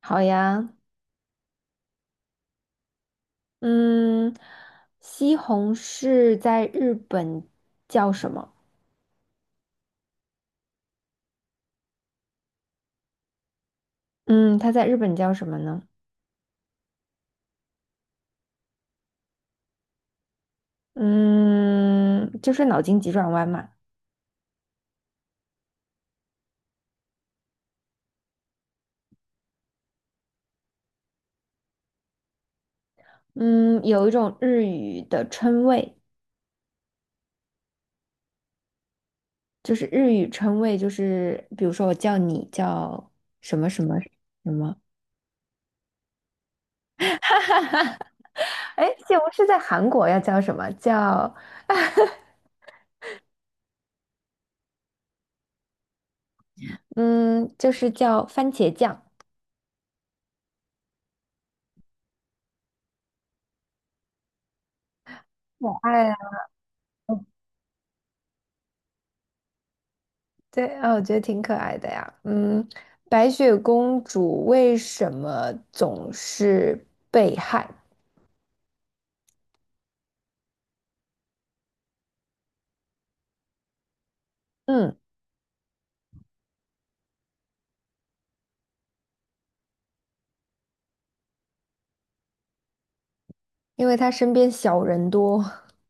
好呀，嗯，西红柿在日本叫什么？嗯，它在日本叫什么呢？嗯，就是脑筋急转弯嘛。嗯，有一种日语的称谓，就是日语称谓，就是比如说我叫你叫什么什么什么。哎，西红柿在韩国要叫什么？叫嗯，就是叫番茄酱。可爱啊。对，啊，我觉得挺可爱的呀。嗯，白雪公主为什么总是被害？嗯，因为她身边小人多。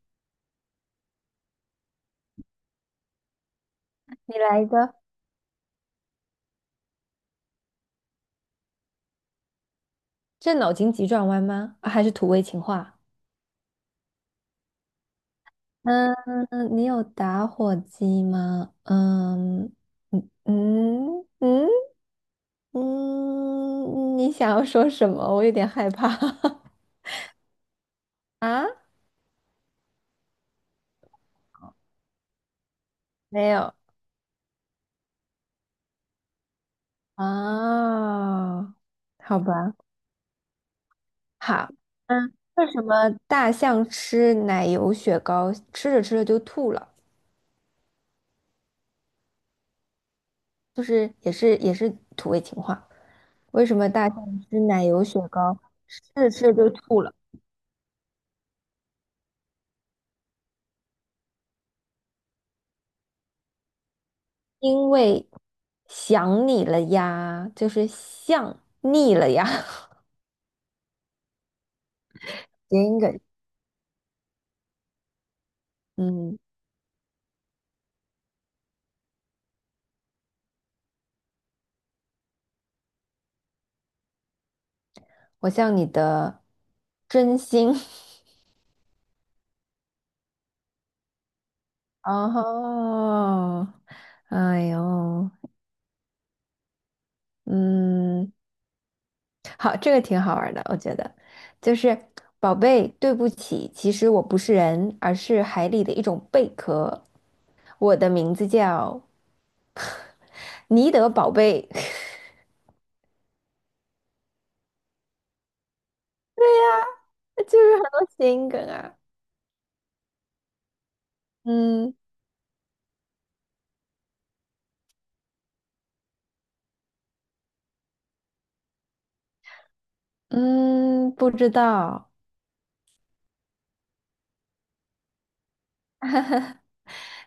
你来一个，这脑筋急转弯吗？啊还是土味情话？嗯，你有打火机吗？嗯嗯嗯嗯嗯，你想要说什么？我有点害怕。啊，没有啊，好吧。好，为什么大象吃奶油雪糕，吃着吃着就吐了？就是也是土味情话。为什么大象吃奶油雪糕，吃着吃着就吐了？因为想你了呀，就是想腻了呀。谐音梗，嗯，我像你的真心。哦，哎呦，嗯。好，这个挺好玩的，我觉得，就是宝贝，对不起，其实我不是人，而是海里的一种贝壳。我的名字叫尼德宝贝，呀，就是很多谐音梗啊。嗯嗯，不知道。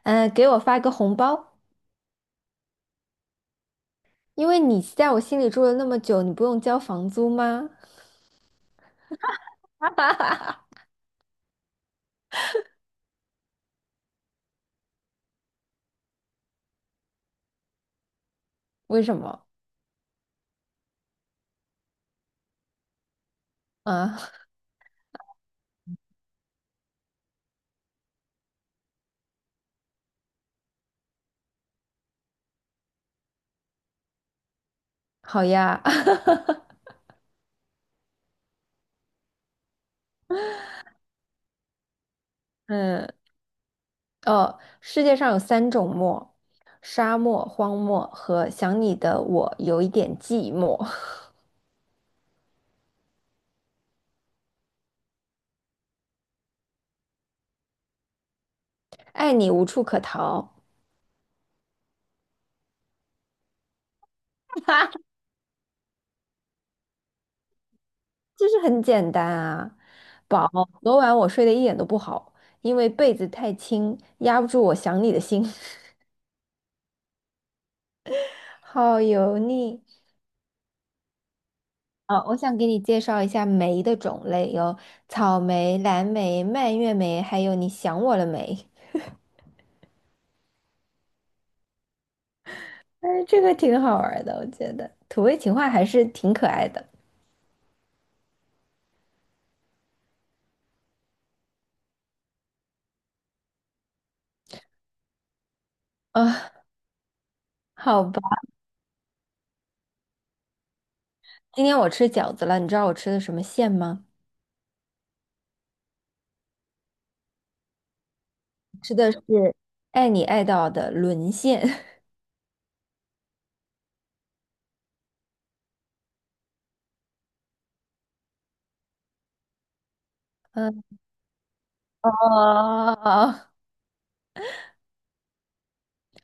嗯、给我发个红包，因为你在我心里住了那么久，你不用交房租吗？为什么？啊，好呀。嗯。世界上有三种漠：沙漠、荒漠和想你的我有一点寂寞，爱你无处可逃 就是很简单啊。宝，昨晚我睡得一点都不好，因为被子太轻，压不住我想你的心。好油腻啊！我想给你介绍一下梅的种类，有草莓、蓝莓、蔓越莓，还有你想我了没？哎，这个挺好玩的，我觉得土味情话还是挺可爱的。啊。好吧，今天我吃饺子了，你知道我吃的什么馅吗？吃的是爱你爱到的沦陷。嗯，哦，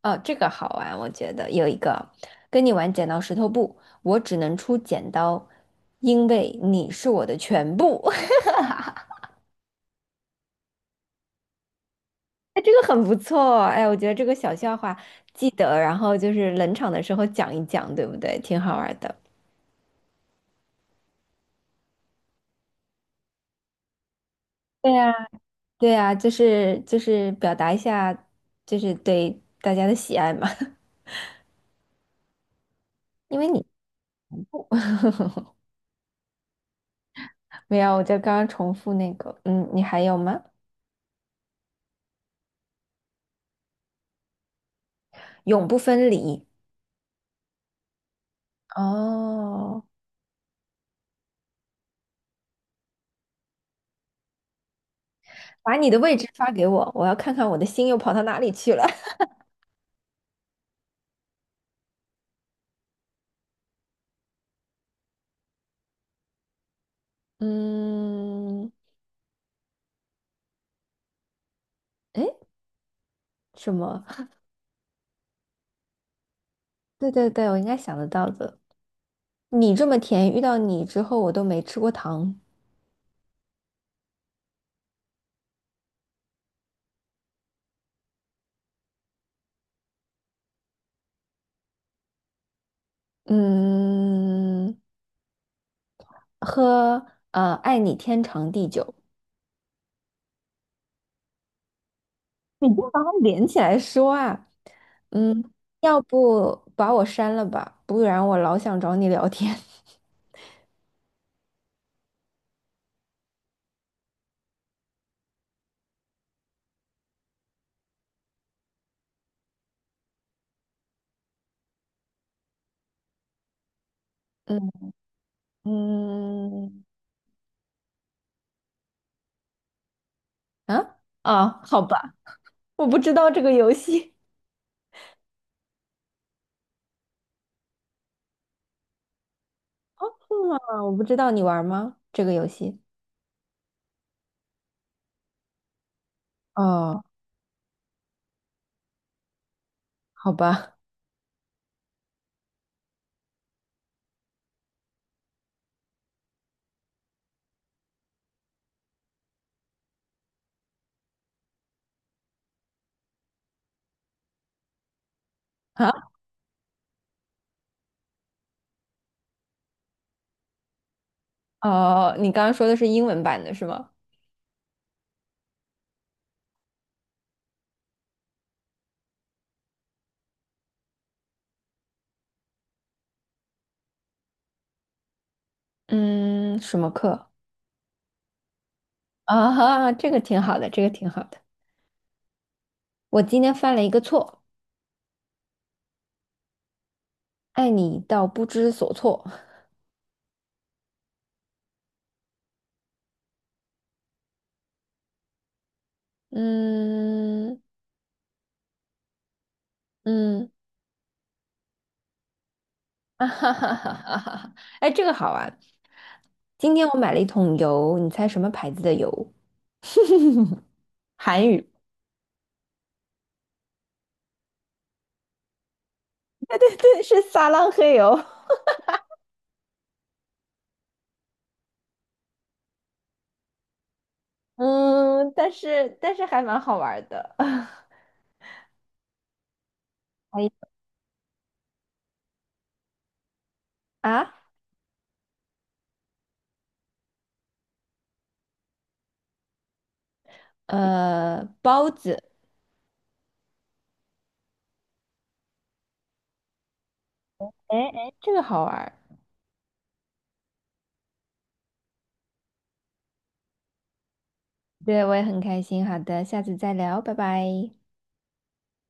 哦，这个好玩，我觉得有一个跟你玩剪刀石头布，我只能出剪刀，因为你是我的全部。哎，这个很不错，哎，我觉得这个小笑话记得，然后就是冷场的时候讲一讲，对不对？挺好玩的。对呀，对呀，就是表达一下，就是对大家的喜爱嘛。因为你 没有，我就刚刚重复那个，你还有吗？永不分离。哦，把你的位置发给我，我要看看我的心又跑到哪里去了。嗯，诶，什么？对对对，我应该想得到的。你这么甜，遇到你之后我都没吃过糖。嗯，喝爱你天长地久。你不把它连起来说啊？嗯，要不把我删了吧，不然我老想找你聊天。嗯。嗯，啊啊，好吧，我不知道这个游戏，啊，我不知道你玩吗？这个游戏？哦，好吧，啊，哦，你刚刚说的是英文版的是吗？嗯，什么课？啊哈，这个挺好的，这个挺好的。我今天犯了一个错，爱你到不知所措。嗯嗯，啊哈哈哈哈哈哈，哎，这个好玩。今天我买了一桶油，你猜什么牌子的油？韩语。对对对，是撒浪嘿油。嗯，但是还蛮好玩儿的。哎，啊，包子，哎哎，这个好玩儿对，我也很开心。好的，下次再聊，拜拜。